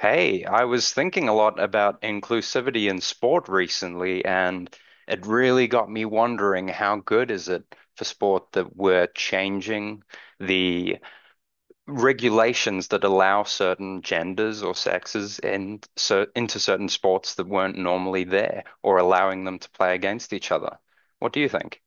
Hey, I was thinking a lot about inclusivity in sport recently, and it really got me wondering how good is it for sport that we're changing the regulations that allow certain genders or sexes in, so, into certain sports that weren't normally there or allowing them to play against each other. What do you think?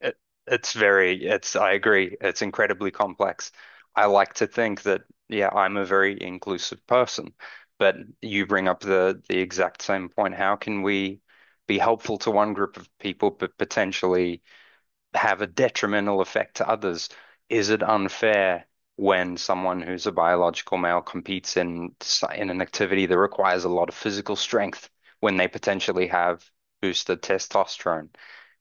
It, it's very, I agree, it's incredibly complex. I like to think that, yeah, I'm a very inclusive person, but you bring up the exact same point. How can we be helpful to one group of people, but potentially have a detrimental effect to others? Is it unfair when someone who's a biological male competes in an activity that requires a lot of physical strength when they potentially have boosted testosterone?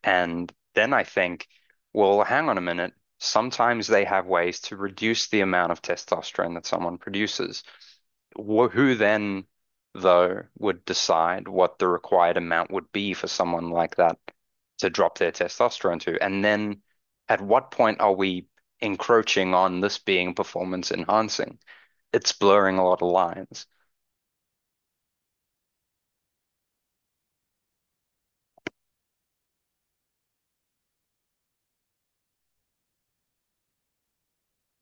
And then I think, well, hang on a minute. Sometimes they have ways to reduce the amount of testosterone that someone produces. Who then, though, would decide what the required amount would be for someone like that to drop their testosterone to? And then at what point are we encroaching on this being performance enhancing? It's blurring a lot of lines.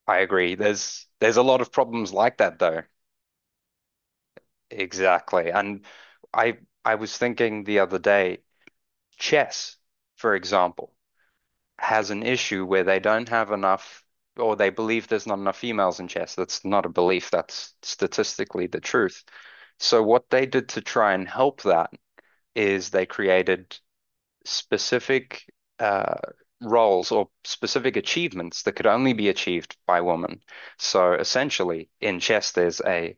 I agree. There's a lot of problems like that though. Exactly. And I I was thinking the other day, chess, for example, has an issue where they don't have enough or they believe there's not enough females in chess. That's not a belief, that's statistically the truth. So what they did to try and help that is they created specific uh, roles or specific achievements that could only be achieved by women. So essentially, in chess, there's a,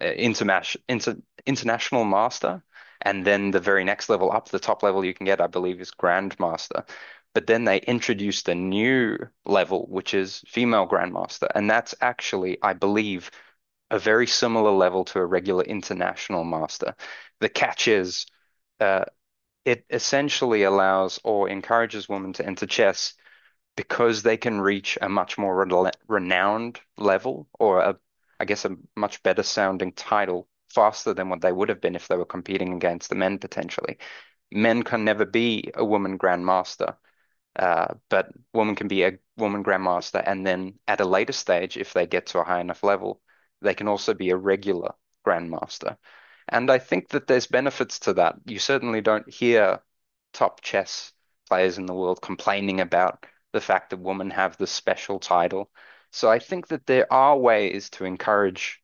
a international master, and then the very next level up, the top level you can get, I believe, is grandmaster. But then they introduced a new level, which is female grandmaster, and that's actually, I believe, a very similar level to a regular international master. The catch is, Uh, it essentially allows or encourages women to enter chess because they can reach a much more renowned level or, a, I guess, a much better sounding title faster than what they would have been if they were competing against the men potentially. Men can never be a woman grandmaster, but women can be a woman grandmaster, and then at a later stage, if they get to a high enough level, they can also be a regular grandmaster. And I think that there's benefits to that. You certainly don't hear top chess players in the world complaining about the fact that women have this special title. So I think that there are ways to encourage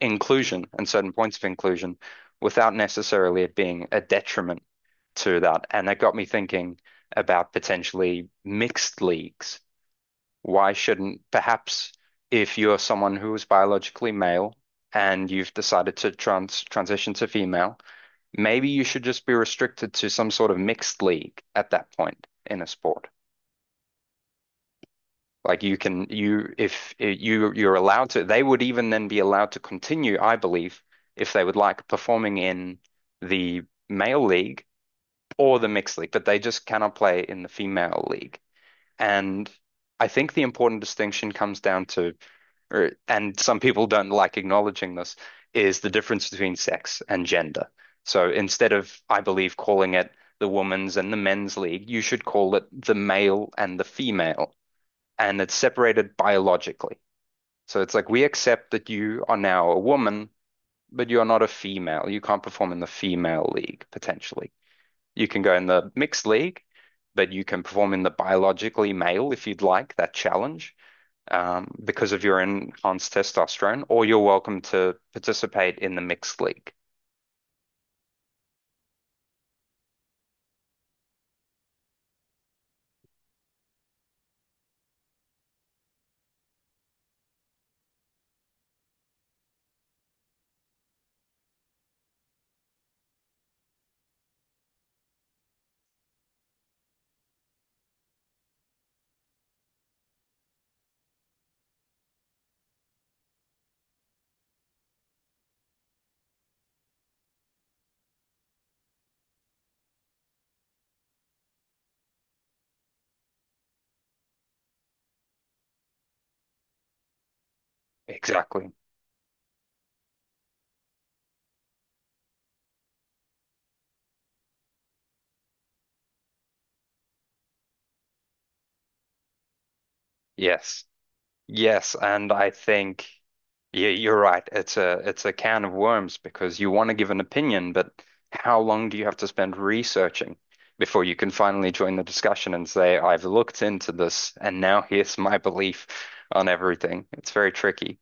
inclusion and certain points of inclusion without necessarily it being a detriment to that. And that got me thinking about potentially mixed leagues. Why shouldn't perhaps, if you're someone who is biologically male and you've decided to transition to female, maybe you should just be restricted to some sort of mixed league at that point in a sport. Like, you can, you, if you you're allowed to, they would even then be allowed to continue, I believe, if they would like, performing in the male league or the mixed league, but they just cannot play in the female league. And I think the important distinction comes down to, or, and some people don't like acknowledging this, is the difference between sex and gender. So instead of, I believe, calling it the women's and the men's league, you should call it the male and the female. And it's separated biologically. So it's like we accept that you are now a woman, but you are not a female. You can't perform in the female league, potentially. You can go in the mixed league, but you can perform in the biologically male if you'd like that challenge, because of your enhanced testosterone, or you're welcome to participate in the mixed league. Exactly. Yes. Yes, and I think, yeah, you're right. It's a can of worms because you want to give an opinion, but how long do you have to spend researching before you can finally join the discussion and say, I've looked into this and now here's my belief on everything? It's very tricky.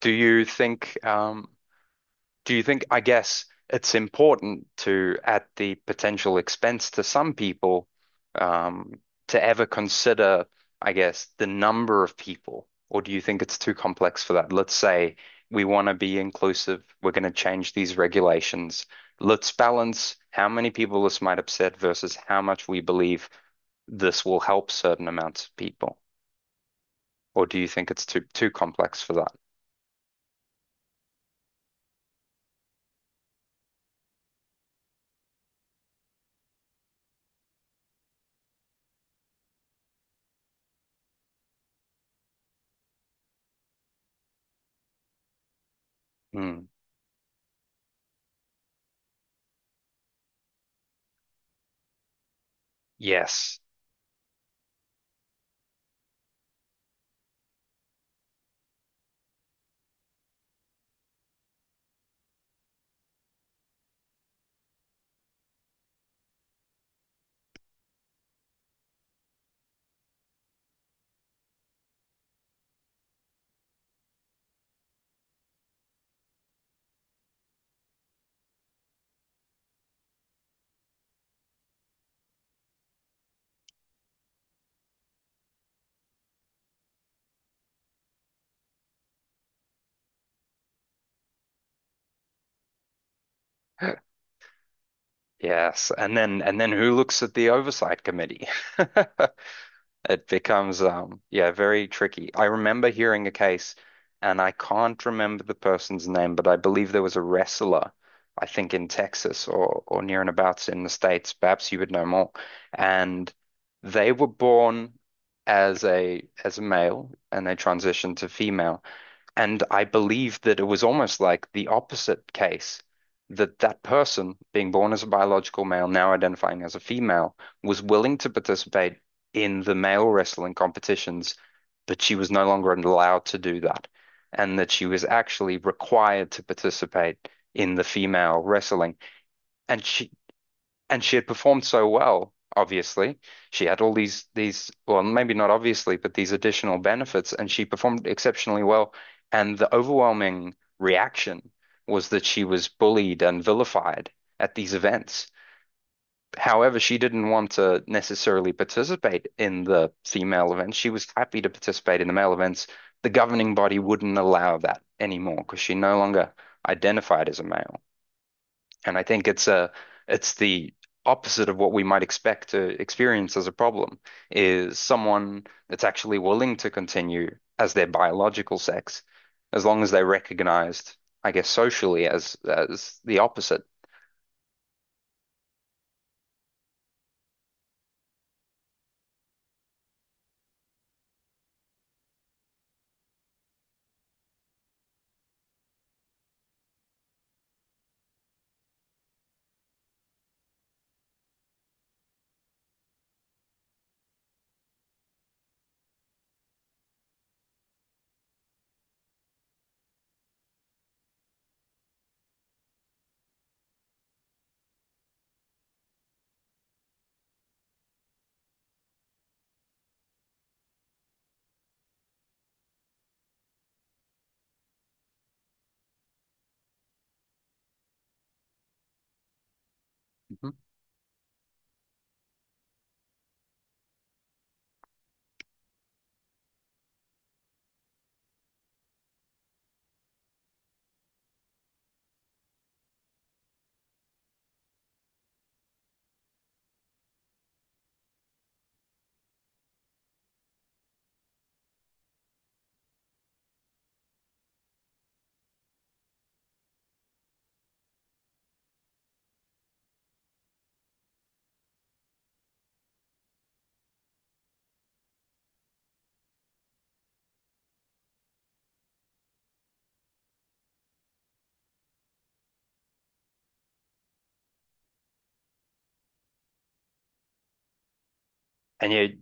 Do you think um Do you think, I guess it's important to, at the potential expense to some people, um, to ever consider, I guess, the number of people? Or do you think it's too complex for that? Let's say we want to be inclusive, we're going to change these regulations. Let's balance how many people this might upset versus how much we believe this will help certain amounts of people. Or do you think it's too complex for that? Mm, yes. Yes, and then who looks at the oversight committee? It becomes yeah, very tricky. I remember hearing a case and I can't remember the person's name, but I believe there was a wrestler, I think in Texas or near and abouts in the States, perhaps you would know more. And they were born as a male and they transitioned to female. And I believe that it was almost like the opposite case that that person, being born as a biological male, now identifying as a female, was willing to participate in the male wrestling competitions, but she was no longer allowed to do that. And that she was actually required to participate in the female wrestling. And she, and she had performed so well, obviously. She had all these well, maybe not obviously, but these additional benefits, and she performed exceptionally well. And the overwhelming reaction was that she was bullied and vilified at these events. However, she didn't want to necessarily participate in the female events. She was happy to participate in the male events. The governing body wouldn't allow that anymore because she no longer identified as a male. And I think it's the opposite of what we might expect to experience as a problem is someone that's actually willing to continue as their biological sex, as long as they're recognized, I guess, socially as the opposite. Mhm. And you,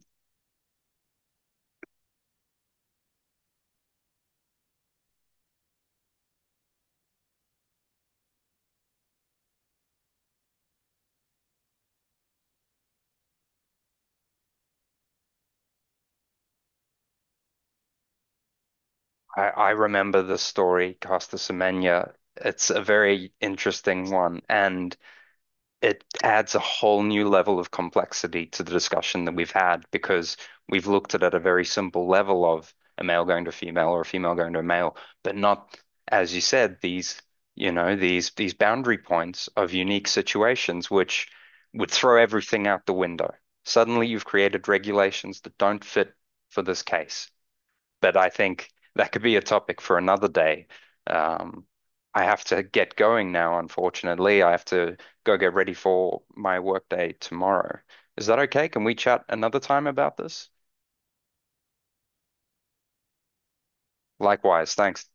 I remember the story, Casta Semenya. It's a very interesting one, and it adds a whole new level of complexity to the discussion that we've had because we've looked at it at a very simple level of a male going to a female or a female going to a male, but not, as you said, these, you know, these boundary points of unique situations which would throw everything out the window. Suddenly you've created regulations that don't fit for this case, but I think that could be a topic for another day. Um, I have to get going now, unfortunately. I have to go get ready for my workday tomorrow. Is that okay? Can we chat another time about this? Likewise, thanks.